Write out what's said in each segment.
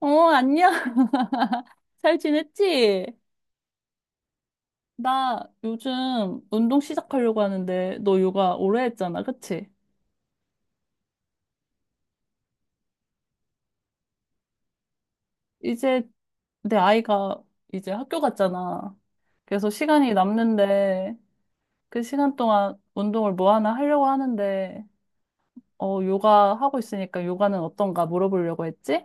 어, 안녕. 잘 지냈지? 나 요즘 운동 시작하려고 하는데, 너 요가 오래 했잖아, 그치? 이제 내 아이가 이제 학교 갔잖아. 그래서 시간이 남는데, 그 시간 동안 운동을 뭐 하나 하려고 하는데, 요가 하고 있으니까 요가는 어떤가 물어보려고 했지?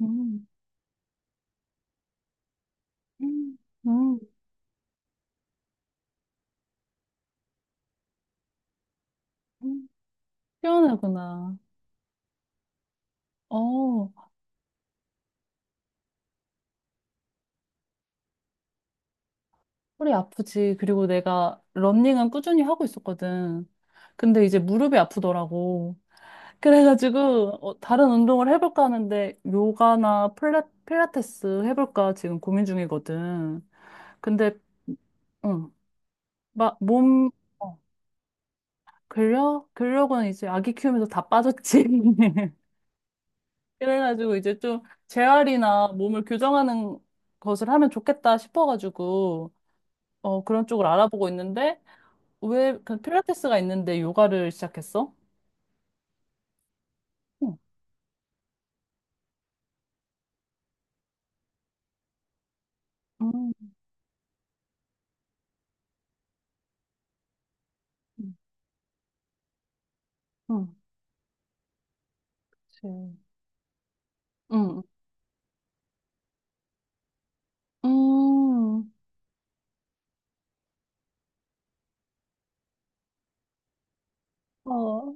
음, 음, 음, 음. 시원하구나. 어, 허리 아프지. 그리고 내가 러닝은 꾸준히 하고 있었거든. 근데 이제 무릎이 아프더라고. 그래가지고 다른 운동을 해볼까 하는데 요가나 필라테스 해볼까 지금 고민 중이거든. 근데 응, 막 어, 근력? 근력은 이제 아기 키우면서 다 빠졌지. 그래가지고 이제 좀 재활이나 몸을 교정하는 것을 하면 좋겠다 싶어가지고 그런 쪽을 알아보고 있는데 왜, 그 필라테스가 있는데 요가를 시작했어? 응, 음, 응, 그치. 응, 음, 어,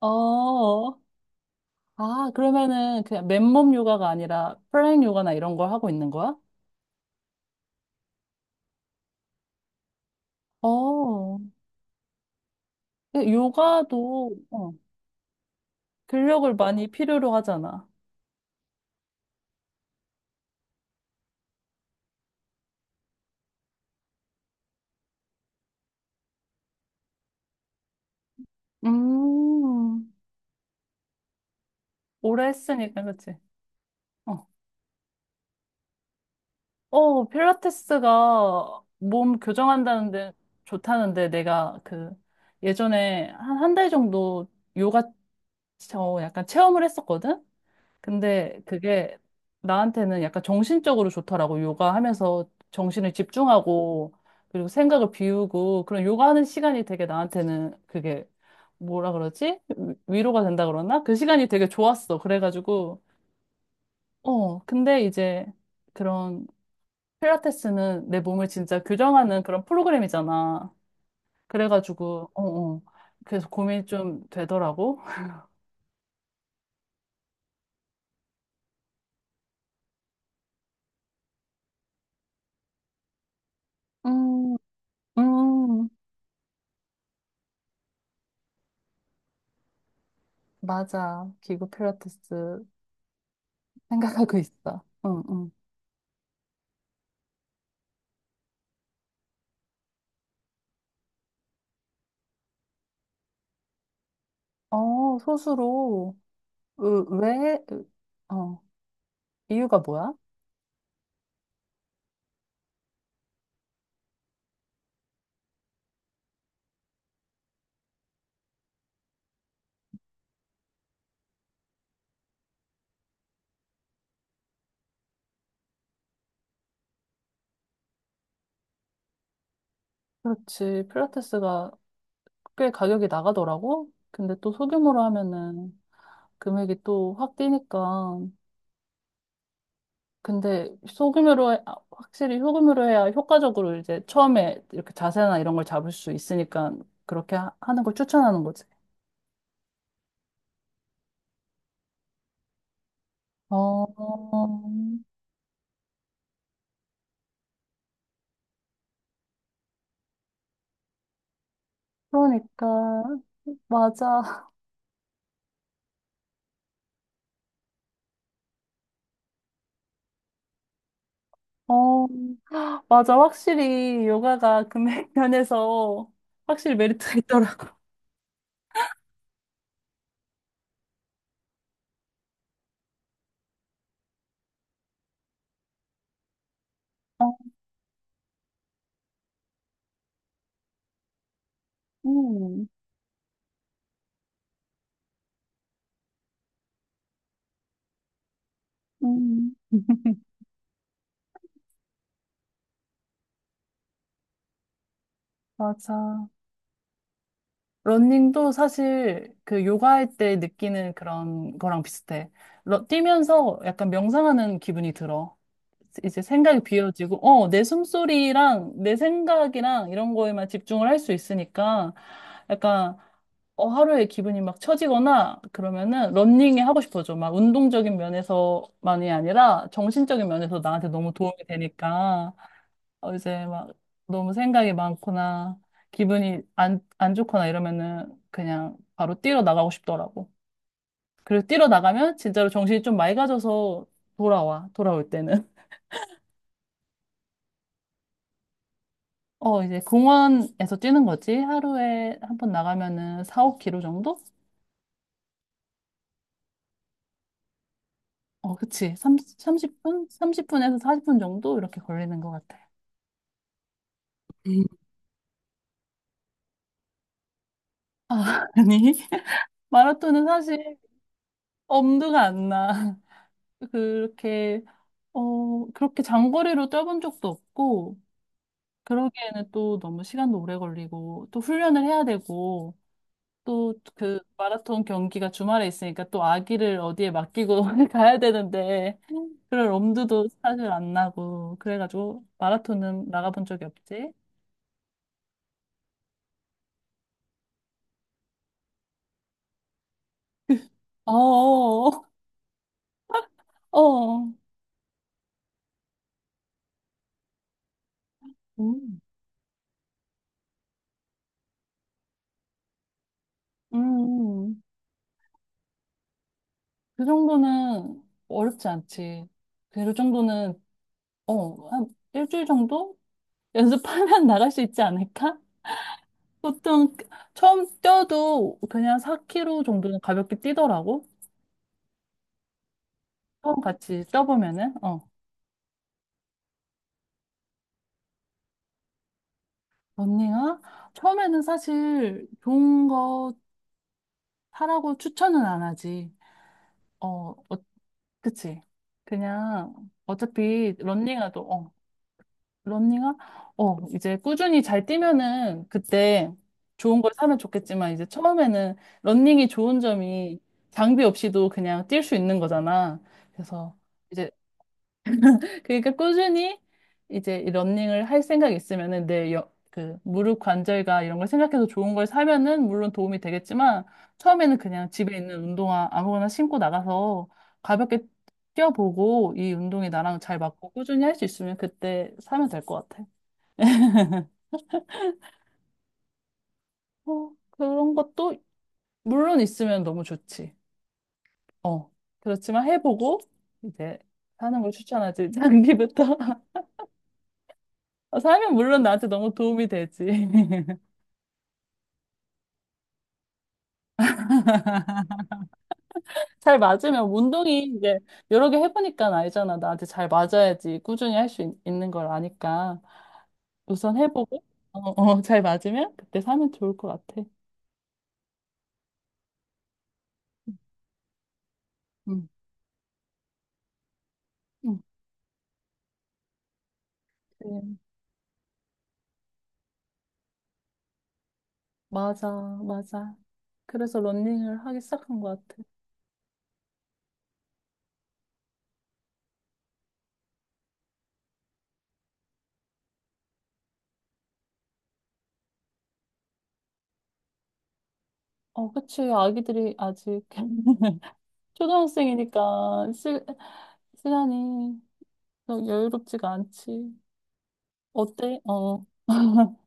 어. 아, 그러면은 그냥 맨몸 요가가 아니라 플랭 요가나 이런 걸 하고 있는 거야? 어, 근데 요가도 근력을 많이 필요로 하잖아. 음, 오래 했으니까, 그치? 어. 필라테스가 몸 교정한다는데 좋다는데 내가 그 예전에 한 한달 정도 요가 저 약간 체험을 했었거든? 근데 그게 나한테는 약간 정신적으로 좋더라고. 요가 하면서 정신을 집중하고 그리고 생각을 비우고 그런 요가 하는 시간이 되게 나한테는 그게 뭐라 그러지? 위로가 된다 그러나? 그 시간이 되게 좋았어. 그래가지고 근데 이제 그런 필라테스는 내 몸을 진짜 교정하는 그런 프로그램이잖아. 그래가지고. 그래서 고민이 좀 되더라고. 음, 음, 맞아. 기구 필라테스 생각하고 있어. 응, 응. 소수로, 으, 왜, 이유가 뭐야? 그렇지. 필라테스가 꽤 가격이 나가더라고. 근데 또 소규모로 하면은 금액이 또 확 뛰니까. 근데 아, 확실히 소금으로 해야 효과적으로 이제 처음에 이렇게 자세나 이런 걸 잡을 수 있으니까 그렇게 하, 는걸 추천하는 거지. 어, 그러니까 맞아. 어, 맞아. 확실히 요가가 금액 면에서 확실히 메리트가 있더라고. 어, 음, 음, 맞아. 러닝도 사실 그 요가할 때 느끼는 그런 거랑 비슷해. 뛰면서 약간 명상하는 기분이 들어. 이제 생각이 비워지고, 내 숨소리랑 내 생각이랑 이런 거에만 집중을 할 수 있으니까 약간 하루에 기분이 막 처지거나 그러면은 러닝이 하고 싶어져. 막 운동적인 면에서만이 아니라 정신적인 면에서 나한테 너무 도움이 되니까. 이제 막 너무 생각이 많거나 기분이 안 좋거나 이러면은 그냥 바로 뛰러 나가고 싶더라고. 그리고 뛰러 나가면 진짜로 정신이 좀 맑아져서 돌아와, 돌아올 때는. 이제 공원에서 뛰는 거지. 하루에 한 번 나가면은 4, 5 킬로 정도? 어, 그치. 30, 3분 30분에서 40분 정도? 이렇게 걸리는 것 같아. 음. 아, 아니. 마라톤은 사실 엄두가 안 나. 그렇게 그렇게 장거리로 뛰어본 적도 없고, 그러기에는 또 너무 시간도 오래 걸리고, 또 훈련을 해야 되고, 또 그 마라톤 경기가 주말에 있으니까 또 아기를 어디에 맡기고 가야 되는데, 그럴 엄두도 사실 안 나고, 그래가지고 마라톤은 나가본 적이 없지. 어, 어, 어. 음, 음. 그 정도는 어렵지 않지. 그 정도는, 한 일주일 정도? 연습하면 나갈 수 있지 않을까? 보통 처음 뛰어도 그냥 4km 정도는 가볍게 뛰더라고. 처음 같이 뛰어보면은. 어. 언니가 처음에는 사실 좋은 거 사라고 추천은 안 하지. 어, 어 그치. 그냥 어차피 런닝화도, 런닝화? 이제 꾸준히 잘 뛰면은 그때 좋은 걸 사면 좋겠지만 이제 처음에는 런닝이 좋은 점이 장비 없이도 그냥 뛸 수 있는 거잖아. 그래서 이제 그러니까 꾸준히 이제 이 러닝을 할 생각 있으면은 내 그 무릎 관절과 이런 걸 생각해서 좋은 걸 사면은 물론 도움이 되겠지만 처음에는 그냥 집에 있는 운동화 아무거나 신고 나가서 가볍게 뛰어보고 이 운동이 나랑 잘 맞고 꾸준히 할 수 있으면 그때 사면 될 것 같아. 그런 것도 물론 있으면 너무 좋지. 어. 그렇지만 해보고 이제 사는 걸 추천하지. 장기부터. 사면 물론 나한테 너무 도움이 되지. 잘 맞으면 운동이 이제 여러 개 해보니까 알잖아. 나한테 잘 맞아야지 꾸준히 할 수 있는 걸 아니까 우선 해보고 잘 맞으면 그때 사면 좋을 것 같아. 응, 응. 그래. 맞아, 맞아. 그래서 런닝을 하기 시작한 것 같아. 어, 그치. 아기들이 아직 초등학생이니까 시간이 좀 여유롭지가 않지. 어때? 어.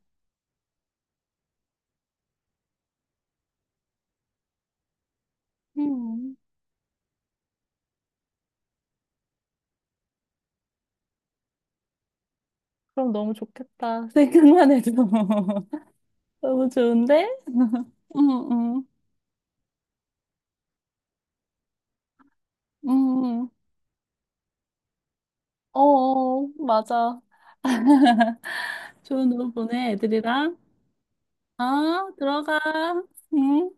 음, 그럼 너무 좋겠다. 생각만 해도. 너무 좋은데? 응, 응, 응. 어, 어, 맞아. 좋은 오후 보내, 애들이랑. 어, 들어가. 응.